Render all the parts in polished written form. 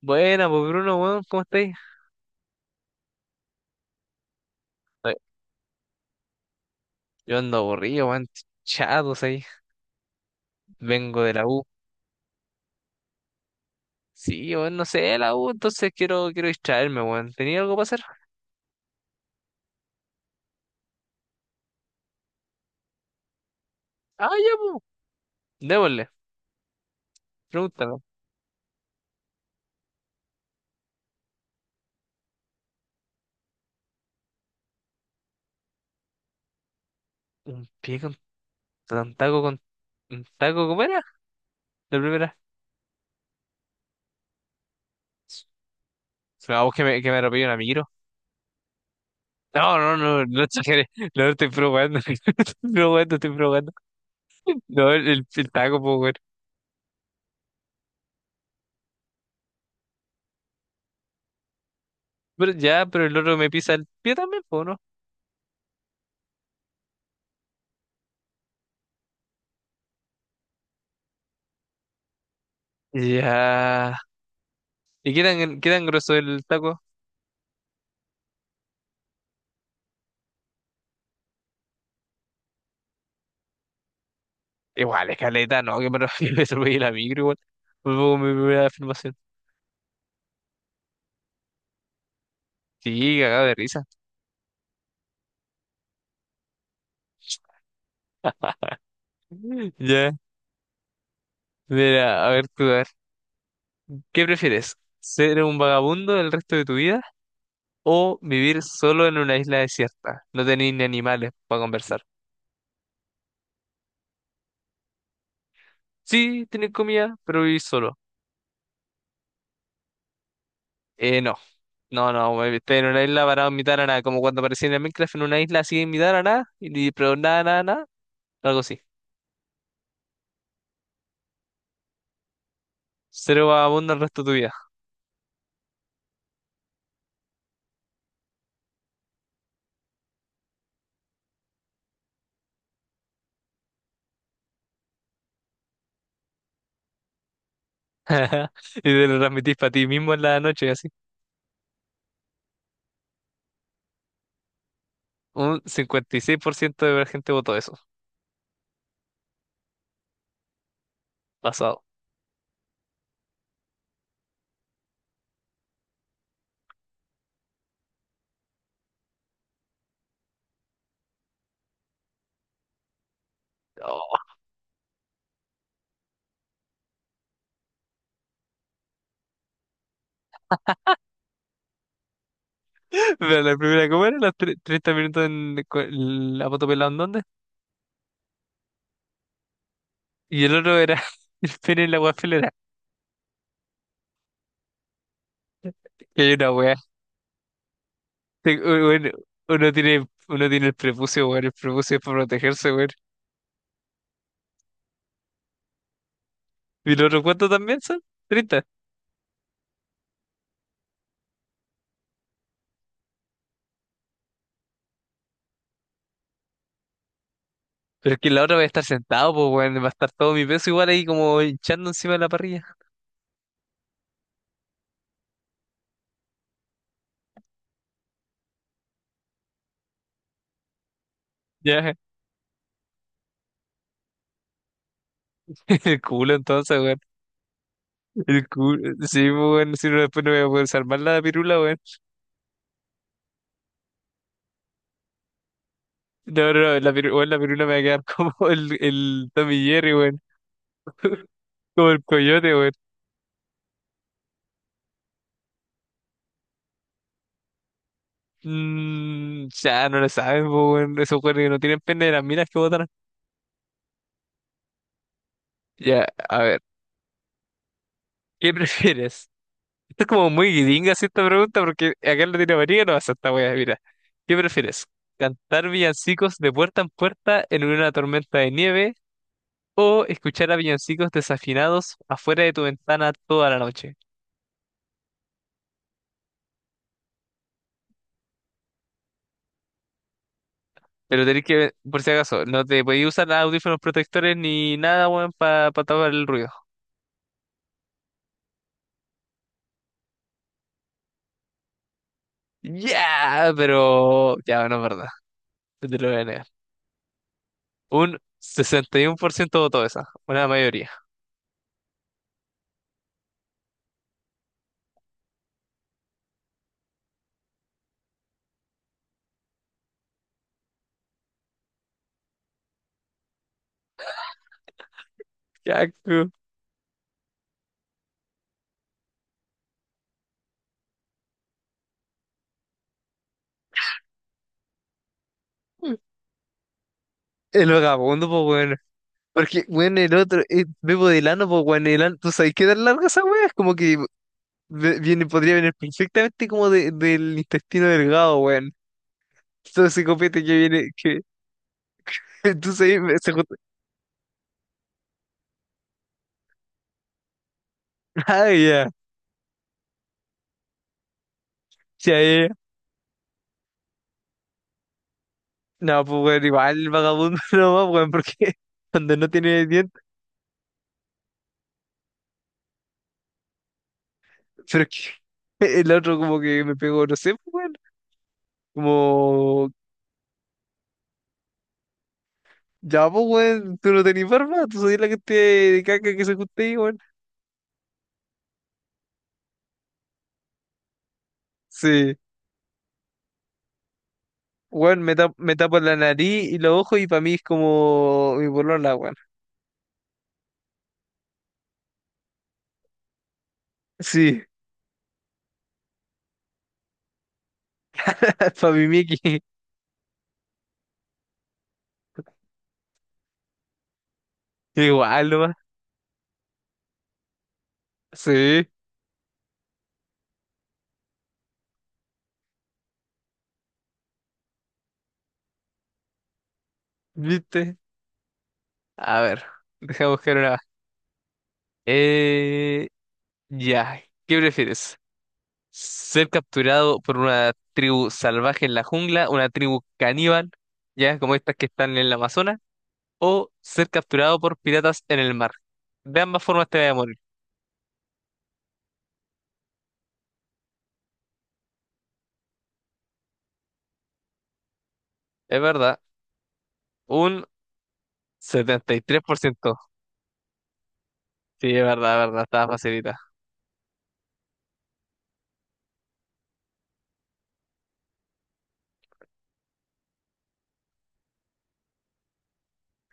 Buena, pues Bruno, weón, ¿cómo estáis? Ay, yo ando aburrido, weón, chatos ahí. Vengo de la U. Sí, weón, no sé, de la U, entonces quiero distraerme, weón. ¿Tenía algo para hacer? Ah, ya, pues. Démosle, pregúntame. ¿Un pie con un taco con un taco? ¿Cómo era? La primera. Vamos, que me atropelle un amigo. No, no, no, no exageré. No, no estoy probando. Estoy probando, estoy probando. No, el taco, pues, weón. Pero ya, pero el otro me pisa el pie también, pues, ¿no? Ya. ¿Y qué tan grueso es el taco? Igual, escaleta, no, que me refiero, me atropellé la micro, igual. Fue como mi primera afirmación. Sí, cagado de risa. Ya, mira, a ver tú, a ver. ¿Qué prefieres? ¿Ser un vagabundo el resto de tu vida o vivir solo en una isla desierta? No tenéis ni animales para conversar. Sí, tenéis comida, pero vivís solo. No, no, no, güey, estoy en una isla parado en mitad de la nada, como cuando aparecía en el Minecraft en una isla así en mitad de la nada, y, pero nada, nada, nada, algo así. Ser vagabundo el resto de tu vida. Y te lo transmitís para ti mismo en la noche, así. Un 56% de la gente votó eso, pasado. Oh. Pero la primera, ¿cómo era? Los 30 minutos en la moto pelada en dónde. Y el otro era el pene en la guafelera. Y hay una wea. Bueno, uno tiene el prepucio, weón. El prepucio es para protegerse, weón. ¿Y el otro cuánto también son? 30. Pero es que la otra va a estar sentado, pues, weón. Va a estar todo mi peso igual ahí como hinchando encima de la parrilla. Ya, el culo entonces, weón. El cu- Sí, pues, bueno, si no, después no voy a poder salvar la pirula, weón. No, no, no, la pirula, weón, la pirula me va a quedar como el Tommy Jerry, weón. Como el coyote, weón. Mm, ya, no lo saben, pues, weón. Esos weones que no tienen pene de las minas que botan. Ya, a ver, ¿qué prefieres? Esto es como muy guidinga, así, esta pregunta, porque acá en Latinoamérica no pasa esta weá, mira. ¿Qué prefieres? ¿Cantar villancicos de puerta en puerta en una tormenta de nieve o escuchar a villancicos desafinados afuera de tu ventana toda la noche? Pero tenés que, por si acaso, no te podéis usar audífonos protectores ni nada, weón, para tapar el ruido. Ya, pero ya, no es verdad. No te lo voy a negar. Un 61% votó esa, una mayoría. Ya, el vagabundo, pues, weón. Porque, weón, el otro, Bebo de Lano, pues, weón, ¿tú sabes qué tan larga esa weá? Es como que viene, podría venir perfectamente como del intestino delgado, weón. Todo ese copete que viene, que, tú sabes, se junta. Ah, ya, ya, ya. No, pues, weón, igual vagabundo nomás, weón, porque cuando no tiene dientes, pero es que el otro como que me pegó, no sé, pues, weón, como, ya, pues, weón, tú no tenés barba, tú soy la que te de caca que se junta ahí, weón. Sí, weón, me tapo la nariz y los ojos y para mí es como mi polola, weón. Sí, para mi Mickey, igual nomás, sí, viste. A ver, deja buscar una. Eh, ya, ¿qué prefieres? Ser capturado por una tribu salvaje en la jungla, una tribu caníbal, ya como estas que están en el Amazonas, o ser capturado por piratas en el mar. De ambas formas te voy a morir. Es verdad, un 73%. Sí, es verdad, estaba facilita.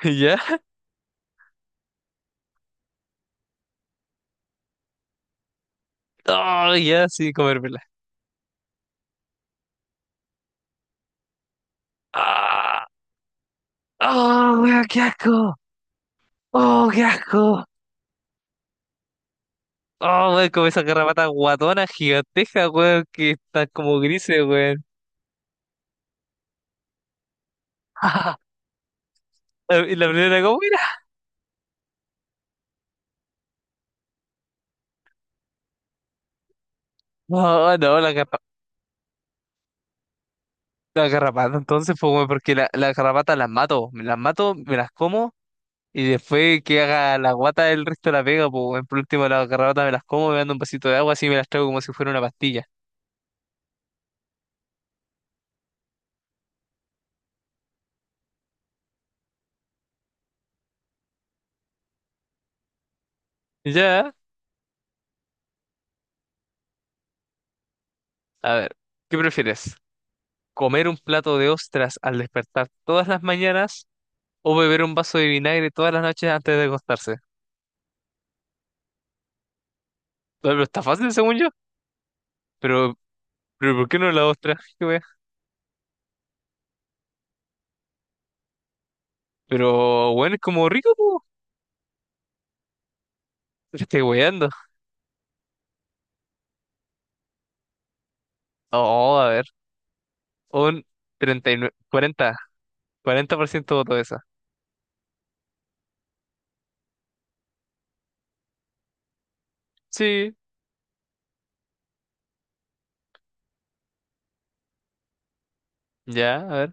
¿Ya? Oh, ya, sí, comérmela. ¡Ah! ¡Oh, weón, qué asco! ¡Oh, qué asco! ¡Oh, weón, como esas garrapatas guatonas gigantescas, weón, que están como grises, weón! Y la primera, ¿cómo? No, no, la garrapata entonces, pues, weón, porque la garrapata las mato, me las mato, me las como y después que haga la guata el resto la pega, pues, weón. Por último la garrapata me las como, me dando un vasito de agua, así me las traigo como si fuera una pastilla. Ya, a ver, ¿qué prefieres? ¿Comer un plato de ostras al despertar todas las mañanas o beber un vaso de vinagre todas las noches antes de acostarse? No, pero está fácil, según yo, pero, pero ¿por qué no la ostra? Qué wea. Pero, bueno, es como rico, pues, te estoy weando. Oh, a ver. Un 39, 40, 40% voto esa. Sí, ya, a ver.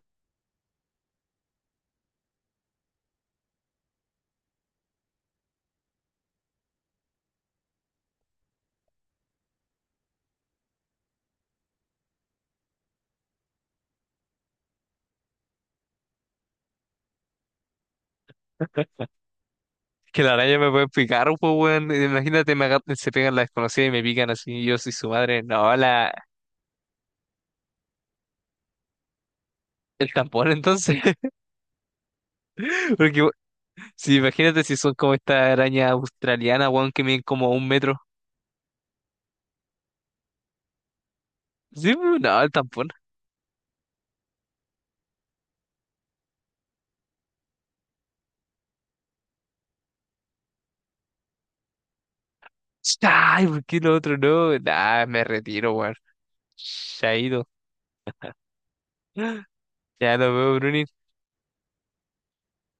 Que la araña me puede picar, pues, weón. Imagínate, se pegan las desconocidas y me pican así. Y yo soy su madre. No, el tampón, entonces. Porque, si imagínate si son como esta araña australiana, weón, que miden como un metro. Sí, pues, no, el tampón. Ay, ¿por qué lo otro no? Nah, me retiro, weón. Chaito. Ya nos vemos, Bruni.